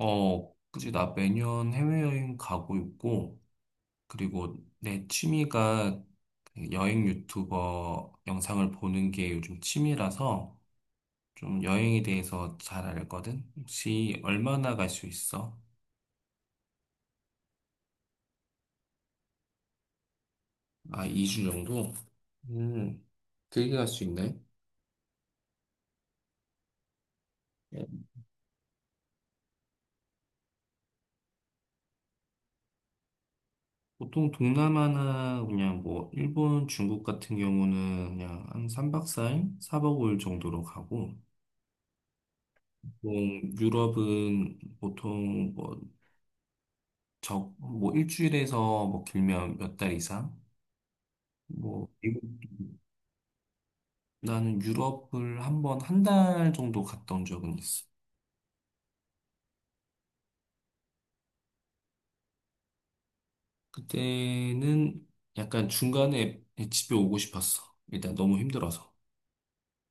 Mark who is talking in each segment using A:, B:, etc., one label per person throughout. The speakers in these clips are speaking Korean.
A: 어, 그지 나 매년 해외여행 가고 있고, 그리고 내 취미가 그 여행 유튜버 영상을 보는 게 요즘 취미라서 좀 여행에 대해서 잘 알거든? 혹시 얼마나 갈 수 있어? 아, 2주 정도? 음, 길게 갈 수 있네. 보통 동남아나 그냥 뭐 일본, 중국 같은 경우는 그냥 한 3박 4일, 4박 5일 정도로 가고, 보통 유럽은 보통 뭐 뭐 일주일에서 뭐 길면 몇 달 이상? 뭐 미국, 나는 유럽을 한번 한 달 정도 갔다 온 적은 있어. 그때는 약간 중간에 집에 오고 싶었어. 일단 너무 힘들어서.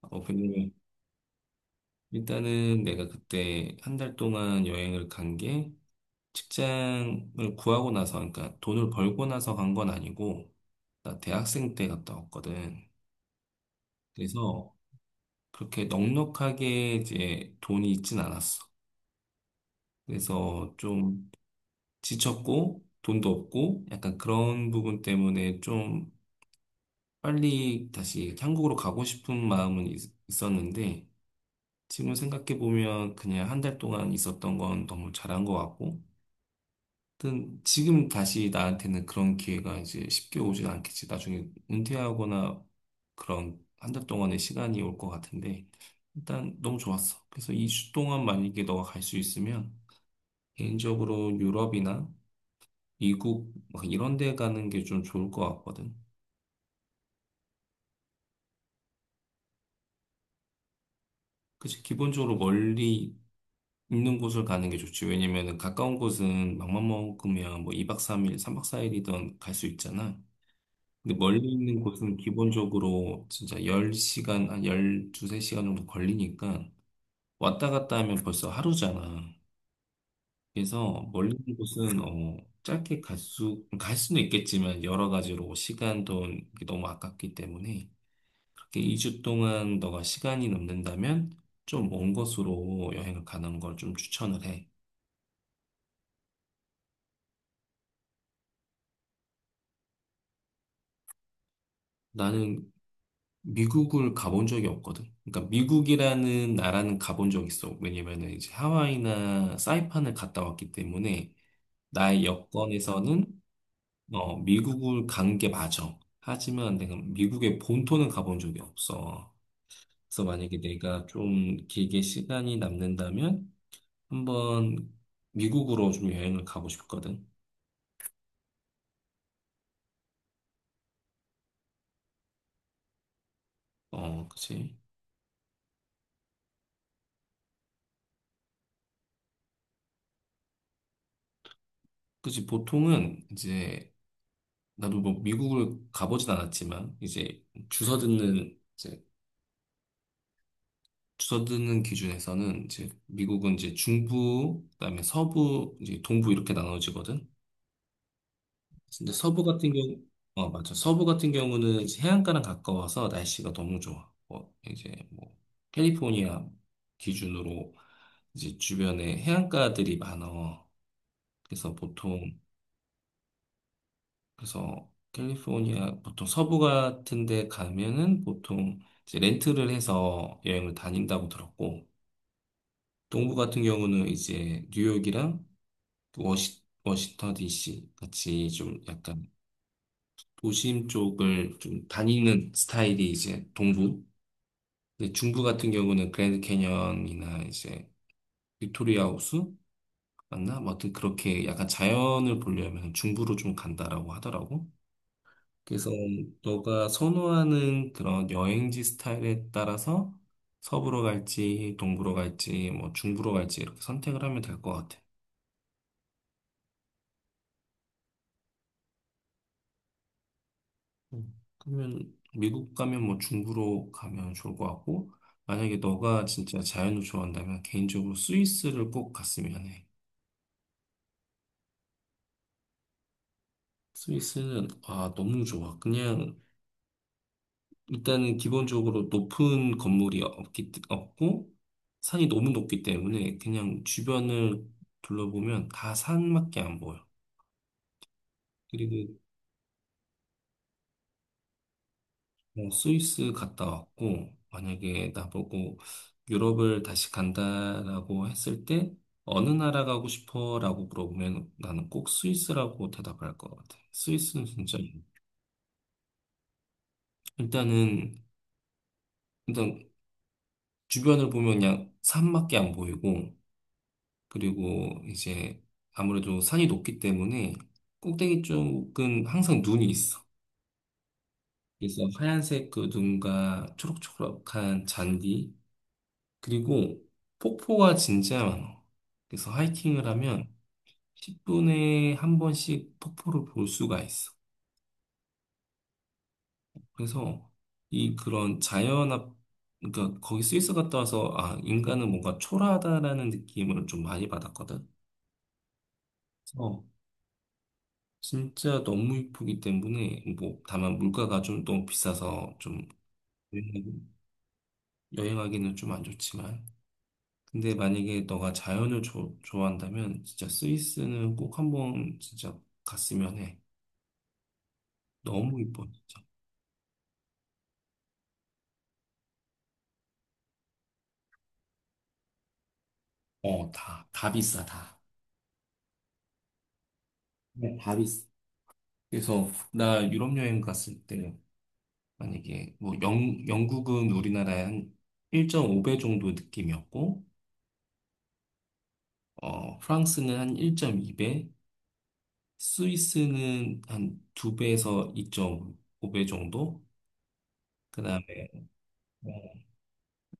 A: 근데 일단은 내가 그때 한 달 동안 여행을 간 게 직장을 구하고 나서, 그러니까 돈을 벌고 나서 간 건 아니고, 나 대학생 때 갔다 왔거든. 그래서 그렇게 넉넉하게 이제 돈이 있진 않았어. 그래서 좀 지쳤고 돈도 없고 약간 그런 부분 때문에 좀 빨리 다시 한국으로 가고 싶은 마음은 있었는데 지금 생각해 보면 그냥 한 달 동안 있었던 건 너무 잘한 것 같고, 하여튼 지금 다시 나한테는 그런 기회가 이제 쉽게 오지 않겠지. 나중에 은퇴하거나 그런 한 달 동안의 시간이 올 것 같은데, 일단 너무 좋았어. 그래서 이 주 동안 만약에 너가 갈 수 있으면 개인적으로 유럽이나 미국 막 이런 데 가는 게 좀 좋을 것 같거든. 그치? 기본적으로 멀리 있는 곳을 가는 게 좋지. 왜냐면은 가까운 곳은 맘만 먹으면 뭐 2박 3일, 3박 4일이든 갈 수 있잖아. 근데 멀리 있는 곳은 기본적으로 진짜 10시간, 한 12, 3시간 정도 걸리니까 왔다 갔다 하면 벌써 하루잖아. 그래서 멀리 있는 곳은 짧게 갈 수는 있겠지만 여러 가지로 시간, 돈 이게 너무 아깝기 때문에 그렇게 2주 동안 너가 시간이 남는다면 좀 먼 곳으로 여행을 가는 걸 좀 추천을 해. 나는 미국을 가본 적이 없거든. 그러니까 미국이라는 나라는 가본 적 있어. 왜냐면은 이제 하와이나 사이판을 갔다 왔기 때문에 나의 여권에서는 미국을 간 게 맞아. 하지만 내가 미국의 본토는 가본 적이 없어. 그래서 만약에 내가 좀 길게 시간이 남는다면 한번 미국으로 좀 여행을 가고 싶거든. 어, 그치. 그치. 보통은 이제, 나도 뭐 미국을 가보진 않았지만, 이제 주서 듣는, 이제 주서 듣는 기준에서는 이제 미국은 이제 중부, 그다음에 서부, 이제 동부 이렇게 나눠지거든. 근데 서부 같은 경우, 어, 맞아. 서부 같은 경우는 이제 해안가랑 가까워서 날씨가 너무 좋아. 뭐, 이제 뭐, 캘리포니아 기준으로 이제 주변에 해안가들이 많아. 그래서 보통 그래서 캘리포니아 보통 서부 같은 데 가면은 보통 이제 렌트를 해서 여행을 다닌다고 들었고, 동부 같은 경우는 이제 뉴욕이랑 워싱턴 DC 같이 좀 약간 도심 쪽을 좀 다니는 스타일이 이제 동부. 근데 중부 같은 경우는 그랜드 캐니언이나 이제 빅토리아 호수 맞나? 뭐 하여튼 그렇게 약간 자연을 보려면 중부로 좀 간다라고 하더라고. 그래서 너가 선호하는 그런 여행지 스타일에 따라서 서부로 갈지, 동부로 갈지, 뭐 중부로 갈지 이렇게 선택을 하면 될 것 같아. 음. 그러면 미국 가면 뭐 중부로 가면 좋을 것 같고, 만약에 너가 진짜 자연을 좋아한다면 개인적으로 스위스를 꼭 갔으면 해. 스위스는 아 너무 좋아. 그냥 일단은 기본적으로 높은 건물이 없고, 산이 너무 높기 때문에 그냥 주변을 둘러보면 다 산밖에 안 보여. 그리고 뭐 스위스 갔다 왔고, 만약에 나보고 유럽을 다시 간다라고 했을 때, 어느 나라 가고 싶어? 라고 물어보면 나는 꼭 스위스라고 대답할 것 같아. 스위스는 진짜, 일단은, 일단 주변을 보면 그냥 산밖에 안 보이고, 그리고 이제 아무래도 산이 높기 때문에 꼭대기 쪽은 항상 눈이 있어. 그래서 하얀색 그 눈과 초록초록한 잔디, 그리고 폭포가 진짜 많아. 그래서 하이킹을 하면 10분에 한 번씩 폭포를 볼 수가 있어. 그래서 이 그런 자연 앞, 그러니까 거기 스위스 갔다 와서 아, 인간은 뭔가 초라하다라는 느낌을 좀 많이 받았거든. 진짜 너무 이쁘기 때문에 뭐 다만 물가가 좀 너무 비싸서 좀 여행하기- 여행하기는 좀 안 좋지만, 근데 만약에 너가 자연을 좋아한다면 진짜 스위스는 꼭 한번 진짜 갔으면 해. 너무 이뻐 진짜. 어, 다 비싸 다. 네, 다 비싸. 그래서 나 유럽 여행 갔을 때 만약에 뭐 영국은 우리나라의 한 1.5배 정도 느낌이었고, 어, 프랑스는 한 1.2배, 스위스는 한 두 배에서 2.5배 정도? 그 다음에,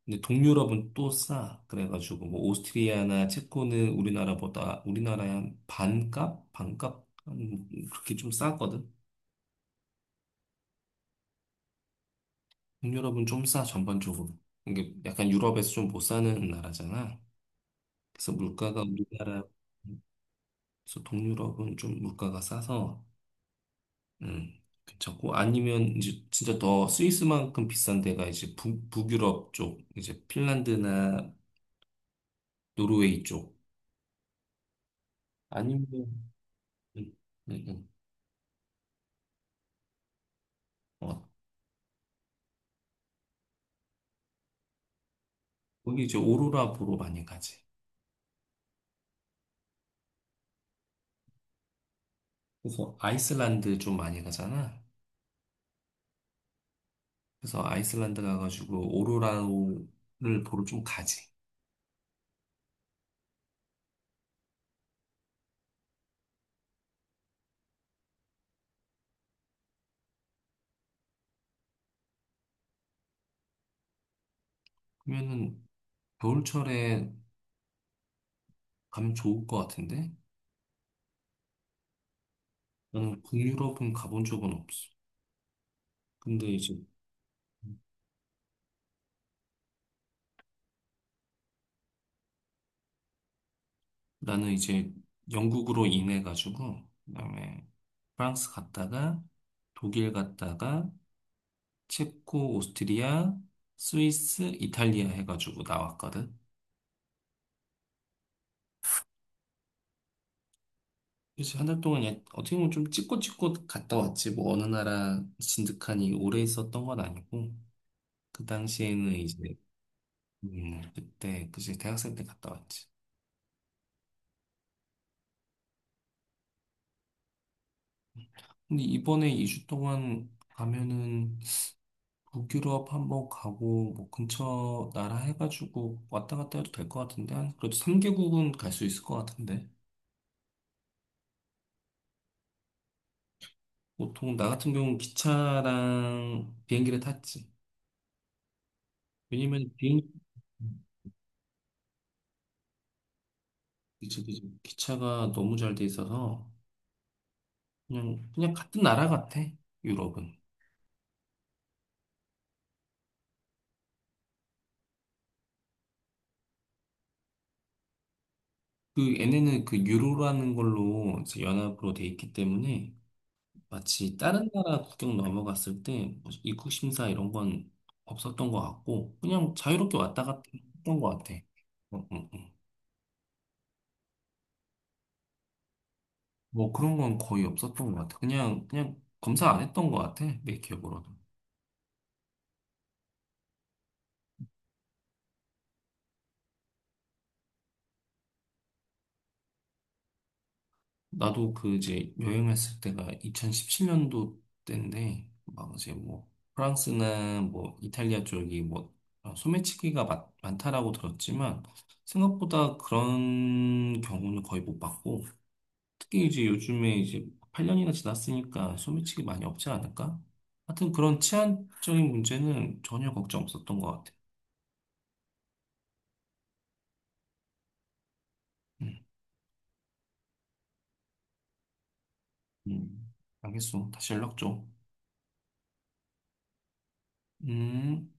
A: 근데 동유럽은 또 싸. 그래가지고, 뭐, 오스트리아나 체코는 우리나라보다, 우리나라의 한 반값? 반값? 한 그렇게 좀 싸거든? 동유럽은 좀 싸, 전반적으로. 이게 약간 유럽에서 좀 못 사는 나라잖아. 그래서 물가가 우리나라, 그래서 동유럽은 좀 물가가 싸서, 음, 괜찮고 아니면 이제 진짜 더 스위스만큼 비싼 데가 이제 북유럽 쪽 이제 핀란드나 노르웨이 쪽 아니면 음, 음, 음. 어, 거기 이제 오로라 보러 많이 가지. 그래서 아이슬란드 좀 많이 가잖아. 그래서 아이슬란드 가가지고 오로라를 보러 좀 가지. 그러면은 겨울철에 가면 좋을 것 같은데, 나는 북유럽은 가본 적은 없어. 근데 이제 나는 이제 영국으로 인해 가지고 그다음에 프랑스 갔다가 독일 갔다가 체코, 오스트리아, 스위스, 이탈리아 해가지고 나왔거든. 그래서 한 달 동안 그냥 어떻게 보면 좀 찍고찍고 갔다 왔지. 뭐 어느 나라 진득하니 오래 있었던 건 아니고 그 당시에는 이제 그때 그치 대학생 때 갔다 왔지. 근데 이번에 2주 동안 가면은 북유럽 한번 가고 뭐 근처 나라 해가지고 왔다 갔다 해도 될 것 같은데, 한 그래도 3개국은 갈 수 있을 것 같은데, 보통 나 같은 경우는 기차랑 비행기를 탔지. 왜냐면 비행 그치 그치 기차가 너무 잘 돼 있어서 그냥 같은 나라 같아 유럽은. 그 얘네는 그 유로라는 걸로 이제 연합으로 돼 있기 때문에 마치 다른 나라 국경 넘어갔을 때 입국 심사 이런 건 없었던 것 같고, 그냥 자유롭게 왔다 갔다 했던 것 같아. 어, 어, 어. 뭐 그런 건 거의 없었던 것 같아. 그냥 검사 안 했던 것 같아 내 기억으로도. 나도 그 이제 여행했을 때가 2017년도 때인데, 막 이제 뭐 프랑스나 뭐 이탈리아 쪽이 뭐 소매치기가 많다라고 들었지만 생각보다 그런 경우는 거의 못 봤고. 특히 이제 요즘에 이제 8년이나 지났으니까 소매치기 많이 없지 않을까? 하여튼 그런 치안적인 문제는 전혀 걱정 없었던 것 같아. 음, 음. 알겠어. 다시 연락 줘. 음.